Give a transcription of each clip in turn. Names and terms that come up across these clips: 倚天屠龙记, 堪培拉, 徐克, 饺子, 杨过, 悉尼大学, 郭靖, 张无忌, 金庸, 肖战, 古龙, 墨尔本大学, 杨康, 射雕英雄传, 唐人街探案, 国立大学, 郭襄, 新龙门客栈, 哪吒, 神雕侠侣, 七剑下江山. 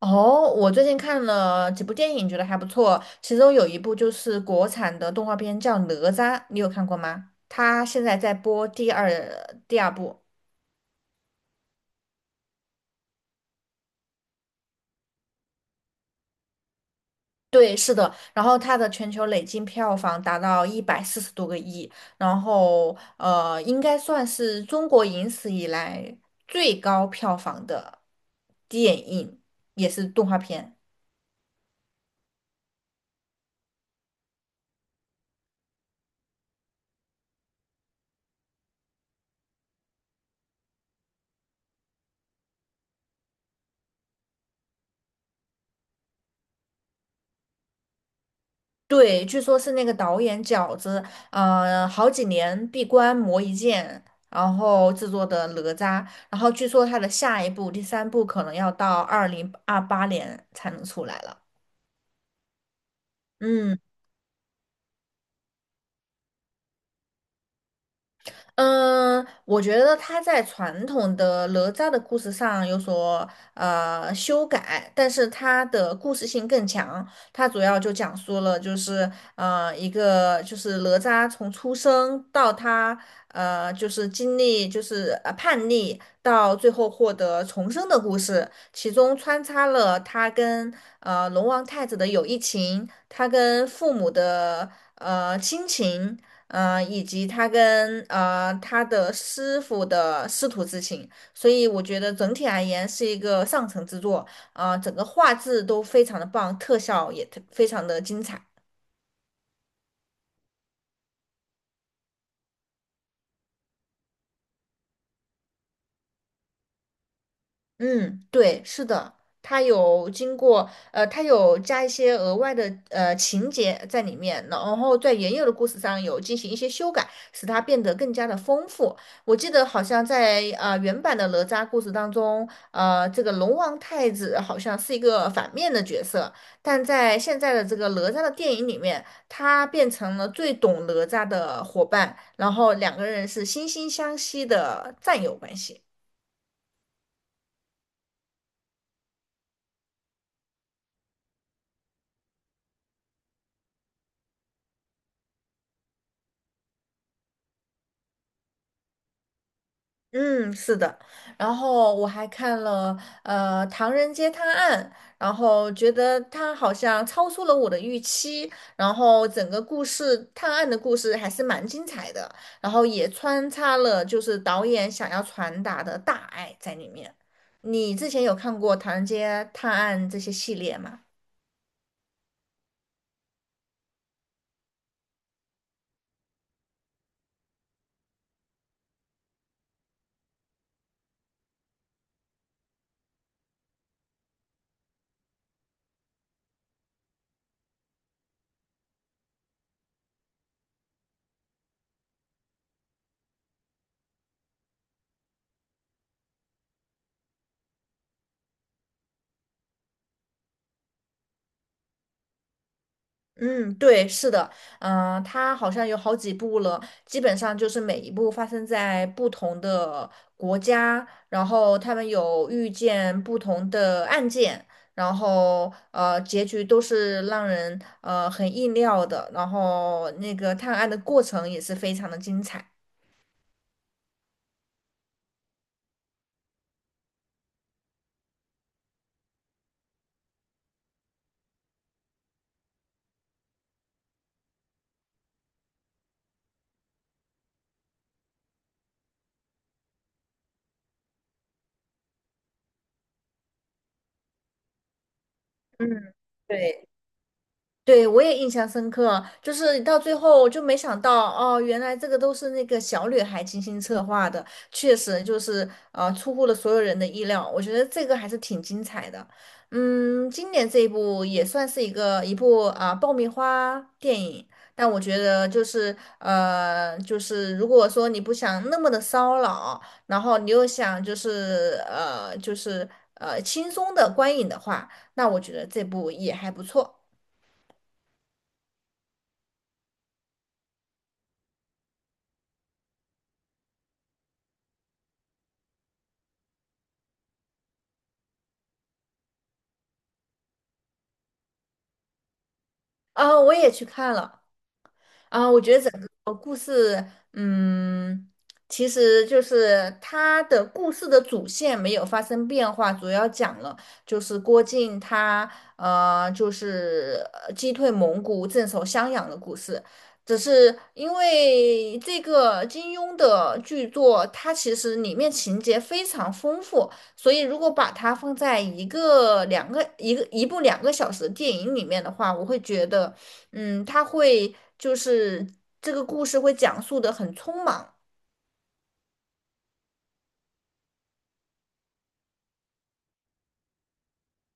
哦，我最近看了几部电影，觉得还不错。其中有一部就是国产的动画片，叫《哪吒》，你有看过吗？它现在在播第二部。对，是的。然后它的全球累计票房达到140多个亿，然后应该算是中国影史以来最高票房的电影，也是动画片。对，据说是那个导演饺子，呃，好几年闭关磨一剑，然后制作的哪吒，然后据说他的下一部第三部可能要到2028年才能出来了。嗯。嗯，我觉得它在传统的哪吒的故事上有所修改，但是它的故事性更强。它主要就讲述了就是一个就是哪吒从出生到他就是经历就是叛逆到最后获得重生的故事，其中穿插了他跟龙王太子的友谊情，他跟父母的亲情。嗯，以及他跟他的师傅的师徒之情，所以我觉得整体而言是一个上乘之作，呃，整个画质都非常的棒，特效也特非常的精彩。嗯，对，是的，它有经过，呃，它有加一些额外的情节在里面，然后在原有的故事上有进行一些修改，使它变得更加的丰富。我记得好像在原版的哪吒故事当中，呃，这个龙王太子好像是一个反面的角色，但在现在的这个哪吒的电影里面，他变成了最懂哪吒的伙伴，然后两个人是惺惺相惜的战友关系。嗯，是的，然后我还看了《唐人街探案》，然后觉得它好像超出了我的预期，然后整个故事探案的故事还是蛮精彩的，然后也穿插了就是导演想要传达的大爱在里面。你之前有看过《唐人街探案》这些系列吗？嗯，对，是的，嗯、它好像有好几部了，基本上就是每一部发生在不同的国家，然后他们有遇见不同的案件，然后结局都是让人很意料的，然后那个探案的过程也是非常的精彩。嗯，对。对，我也印象深刻，就是到最后就没想到哦，原来这个都是那个小女孩精心策划的，确实就是出乎了所有人的意料。我觉得这个还是挺精彩的。嗯，今年这一部也算是一部啊、爆米花电影，但我觉得就是如果说你不想那么的骚扰，然后你又想就是轻松的观影的话，那我觉得这部也还不错。啊，我也去看了啊，我觉得整个故事，嗯，其实就是它的故事的主线没有发生变化，主要讲了就是郭靖他就是击退蒙古、镇守襄阳的故事。只是因为这个金庸的巨作，它其实里面情节非常丰富，所以如果把它放在一个两个一个一部两个小时的电影里面的话，我会觉得。嗯，他会就是这个故事会讲述的很匆忙。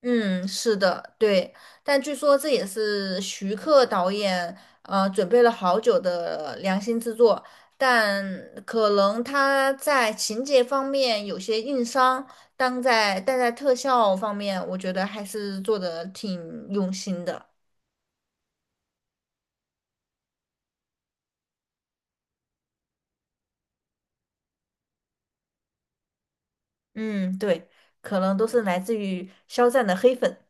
嗯，是的，对。但据说这也是徐克导演准备了好久的良心之作，但可能他在情节方面有些硬伤，但在特效方面，我觉得还是做的挺用心的。嗯，对，可能都是来自于肖战的黑粉。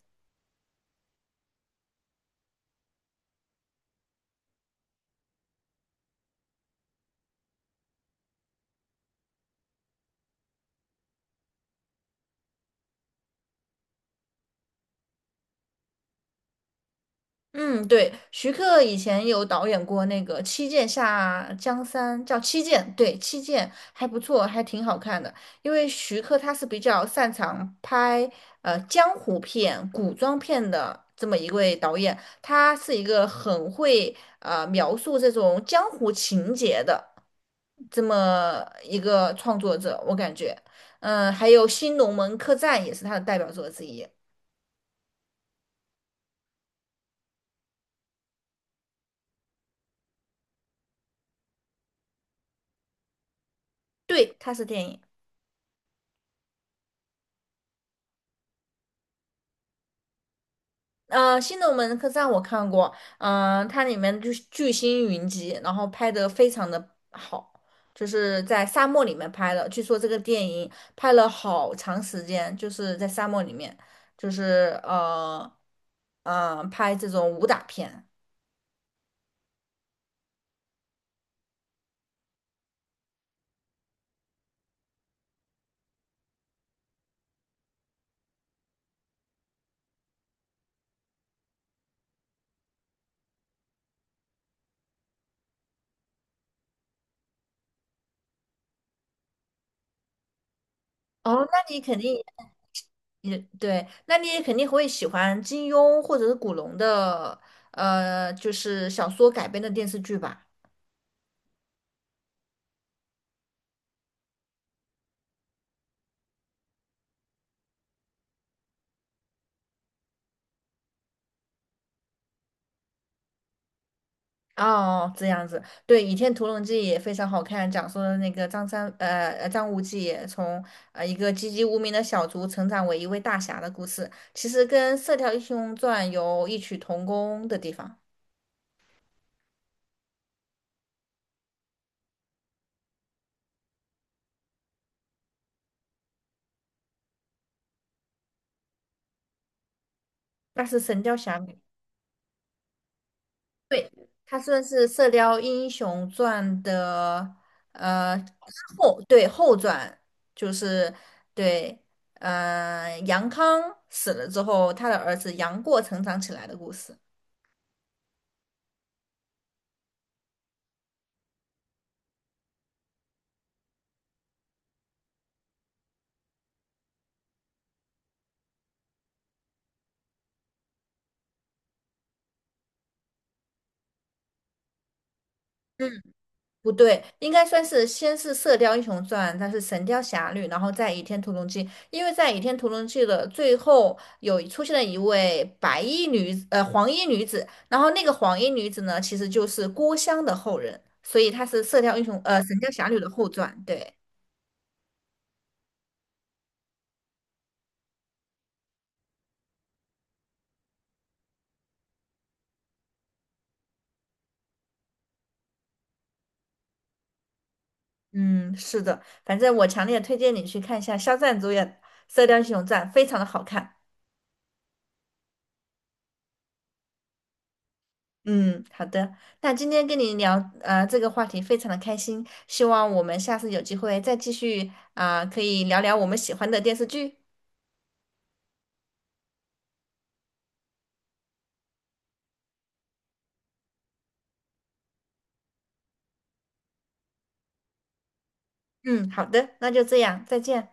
嗯，对，徐克以前有导演过那个《七剑下江山》，叫《七剑》，对，《七剑》还不错，还挺好看的。因为徐克他是比较擅长拍江湖片、古装片的这么一位导演，他是一个很会描述这种江湖情节的这么一个创作者，我感觉，嗯、还有《新龙门客栈》也是他的代表作之一，对，他是电影。呃，《新龙门客栈》我看过，嗯、它里面就是巨星云集，然后拍的非常的好，就是在沙漠里面拍的。据说这个电影拍了好长时间，就是在沙漠里面，就是呃，呃，拍这种武打片。哦，那你肯定也对，那你也肯定会喜欢金庸或者是古龙的，呃，就是小说改编的电视剧吧？哦，这样子，对，《倚天屠龙记》也非常好看，讲述了那个张三，呃，呃张无忌从一个籍籍无名的小卒成长为一位大侠的故事，其实跟《射雕英雄传》有异曲同工的地方，那是《神雕侠侣》，对，它算是《射雕英雄传》的呃，对，后传，就是对，呃，杨康死了之后，他的儿子杨过成长起来的故事。嗯。不对，应该算是先是《射雕英雄传》，它是《神雕侠侣》，然后再《倚天屠龙记》。因为在《倚天屠龙记》的最后有出现了一位白衣女子，呃，黄衣女子。然后那个黄衣女子呢，其实就是郭襄的后人，所以她是《射雕英雄》呃《神雕侠侣》的后传。对，嗯，是的，反正我强烈推荐你去看一下肖战主演《射雕英雄传》，非常的好看。嗯，好的。那今天跟你聊这个话题非常的开心，希望我们下次有机会再继续啊、可以聊聊我们喜欢的电视剧。嗯，好的，那就这样，再见。